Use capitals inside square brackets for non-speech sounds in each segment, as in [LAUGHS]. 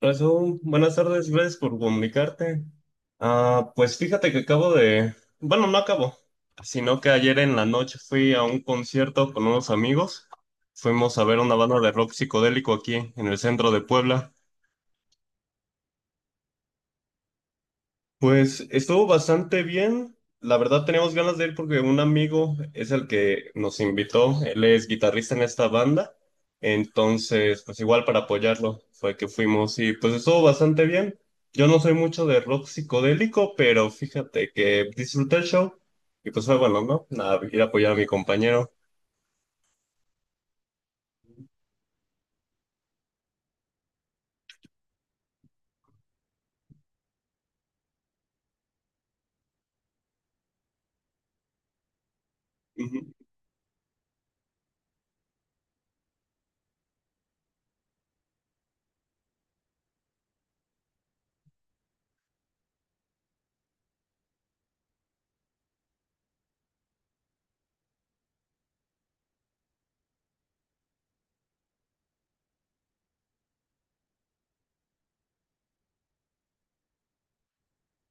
Hola, Saúl. Buenas tardes, gracias por comunicarte. Ah, pues fíjate que bueno, no acabo, sino que ayer en la noche fui a un concierto con unos amigos. Fuimos a ver una banda de rock psicodélico aquí en el centro de Puebla. Pues estuvo bastante bien. La verdad teníamos ganas de ir porque un amigo es el que nos invitó. Él es guitarrista en esta banda. Entonces, pues igual para apoyarlo fue que fuimos y pues estuvo bastante bien. Yo no soy mucho de rock psicodélico, pero fíjate que disfruté el show y pues fue bueno, ¿no? Nada, ir a apoyar a mi compañero. Ujú.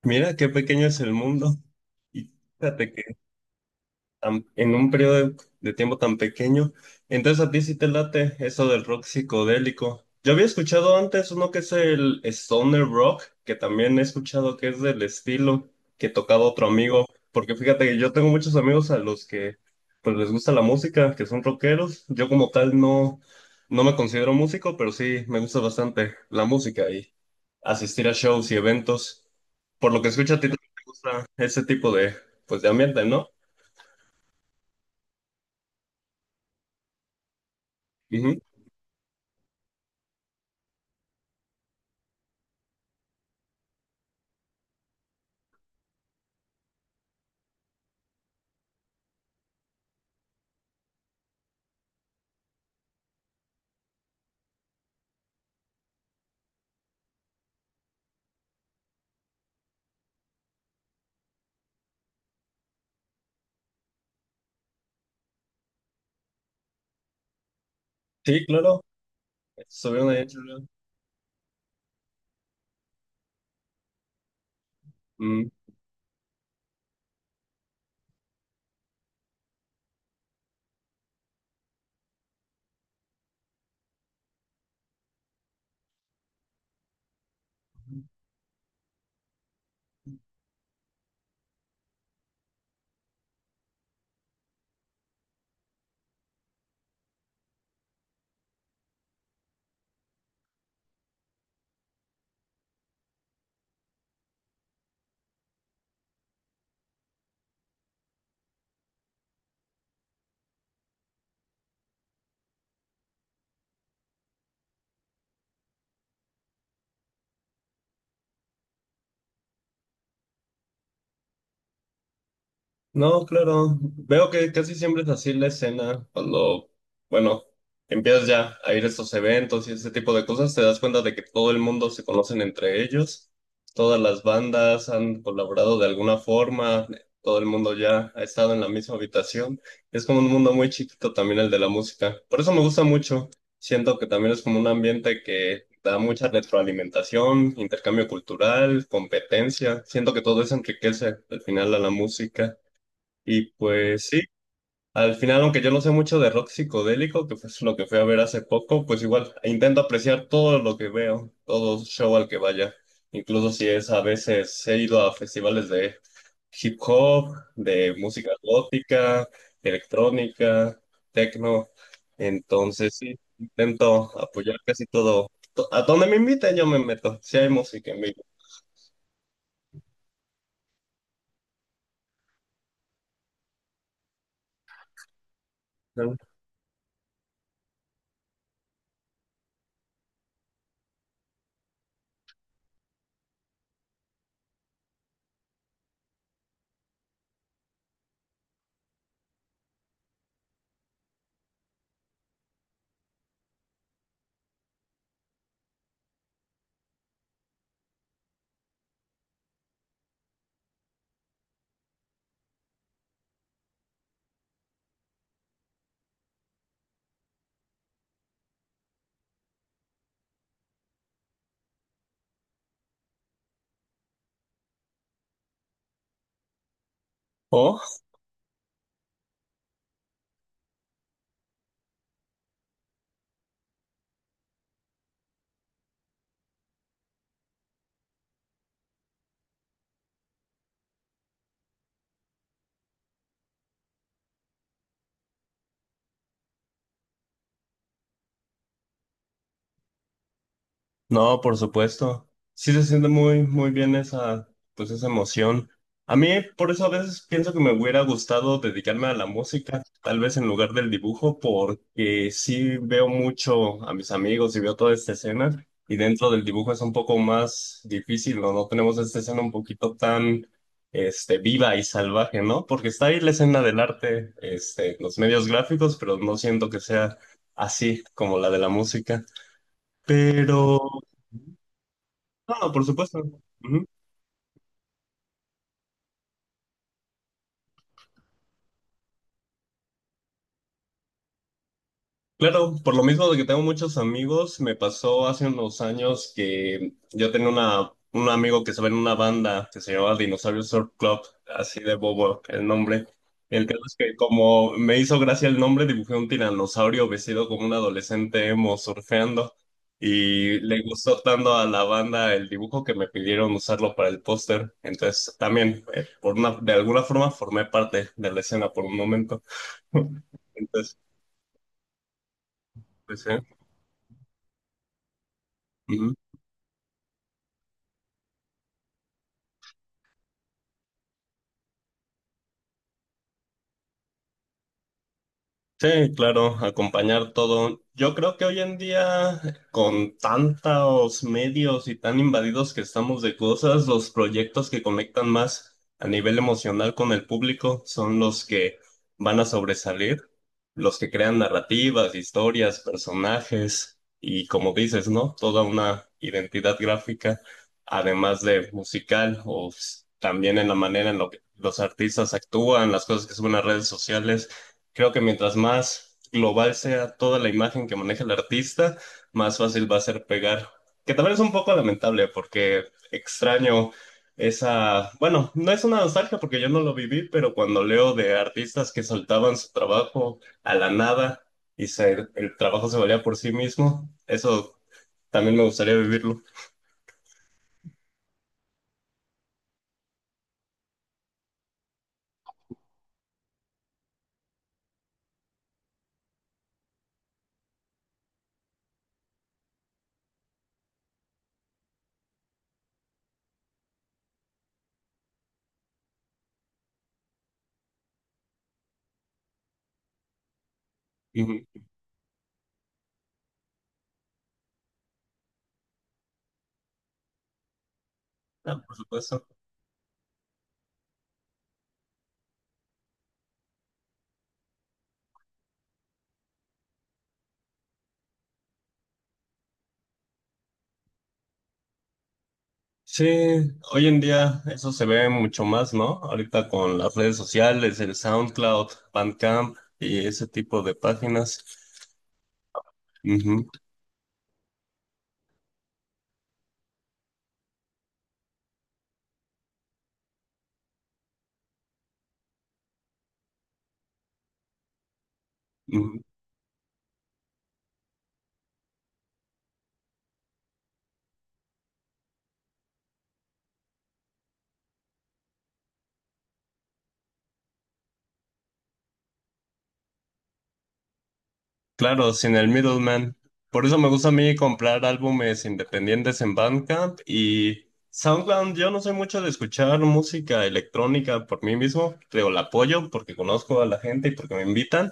Mira qué pequeño es el mundo. Y fíjate en un periodo de tiempo tan pequeño. Entonces a ti sí te late eso del rock psicodélico. Yo había escuchado antes uno que es el stoner rock, que también he escuchado que es del estilo que tocaba otro amigo, porque fíjate que yo tengo muchos amigos a los que pues les gusta la música, que son rockeros. Yo como tal no, no me considero músico, pero sí me gusta bastante la música y asistir a shows y eventos. Por lo que escucho a ti también te gusta ese tipo de pues de ambiente, ¿no? Ujú. Sí, claro, estoy en ello. No, claro. Veo que casi siempre es así la escena. Cuando, bueno, empiezas ya a ir a estos eventos y ese tipo de cosas, te das cuenta de que todo el mundo se conocen entre ellos. Todas las bandas han colaborado de alguna forma. Todo el mundo ya ha estado en la misma habitación. Es como un mundo muy chiquito también el de la música. Por eso me gusta mucho. Siento que también es como un ambiente que da mucha retroalimentación, intercambio cultural, competencia. Siento que todo eso enriquece al final a la música. Y pues sí, al final, aunque yo no sé mucho de rock psicodélico, que fue lo que fui a ver hace poco, pues igual intento apreciar todo lo que veo, todo show al que vaya. Incluso si es a veces he ido a festivales de hip hop, de música gótica, electrónica, techno. Entonces sí, intento apoyar casi todo. A donde me inviten yo me meto, si hay música en vivo. Ajá. O No, por supuesto. Sí se siente muy, muy bien esa, pues esa emoción. A mí, por eso a veces pienso que me hubiera gustado dedicarme a la música, tal vez en lugar del dibujo, porque sí veo mucho a mis amigos y veo toda esta escena, y dentro del dibujo es un poco más difícil, ¿no? No tenemos esta escena un poquito tan, este, viva y salvaje, ¿no? Porque está ahí la escena del arte, este, los medios gráficos, pero no siento que sea así como la de la música. Pero no, por supuesto. Ujú. Claro, por lo mismo de que tengo muchos amigos, me pasó hace unos años que yo tenía una, un amigo que estaba en una banda que se llamaba Dinosaur Surf Club, así de bobo el nombre. El caso es que como me hizo gracia el nombre, dibujé un tiranosaurio vestido como un adolescente emo surfeando y le gustó tanto a la banda el dibujo que me pidieron usarlo para el póster. Entonces también, por una, de alguna forma, formé parte de la escena por un momento. [LAUGHS] Entonces, pues sí. Ujú. Sí, claro, acompañar todo. Yo creo que hoy en día, con tantos medios y tan invadidos que estamos de cosas, los proyectos que conectan más a nivel emocional con el público son los que van a sobresalir, los que crean narrativas, historias, personajes y, como dices, ¿no? Toda una identidad gráfica, además de musical o s- también en la manera en la que los artistas actúan, las cosas que suben a redes sociales. Creo que mientras más global sea toda la imagen que maneja el artista, más fácil va a ser pegar. Que también es un poco lamentable porque extraño esa, bueno, no es una nostalgia porque yo no lo viví, pero cuando leo de artistas que soltaban su trabajo a la nada y se- el trabajo se valía por sí mismo, eso también me gustaría vivirlo. Ujú. Ah, por supuesto. Sí, hoy en día eso se ve mucho más, ¿no? Ahorita con las redes sociales, el SoundCloud, Bandcamp y ese tipo de páginas. Ujú, ujú. Claro, sin el middleman. Por eso me gusta a mí comprar álbumes independientes en Bandcamp y SoundCloud. Yo no soy mucho de escuchar música electrónica por mí mismo, pero la apoyo porque conozco a la gente y porque me invitan.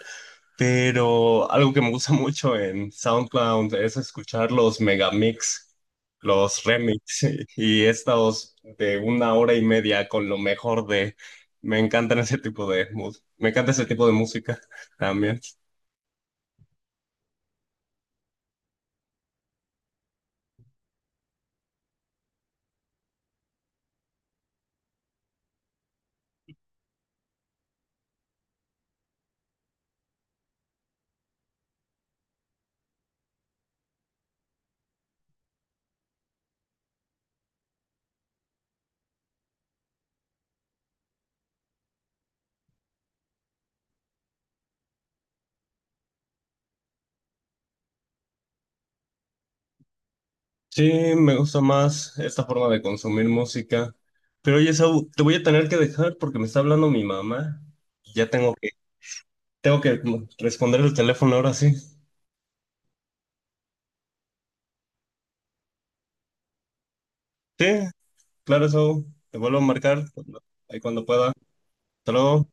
Pero algo que me gusta mucho en SoundCloud es escuchar los megamix, los remix [LAUGHS] y estos de una hora y media con lo mejor de... Me encantan ese tipo de me encanta ese tipo de música también. Sí, me gusta más esta forma de consumir música. Pero oye, Saúl, te voy a tener que dejar porque me está hablando mi mamá y ya tengo que tengo que responder el teléfono ahora sí. Sí, claro, Saúl, te vuelvo a marcar cuando- ahí cuando pueda. Hasta luego.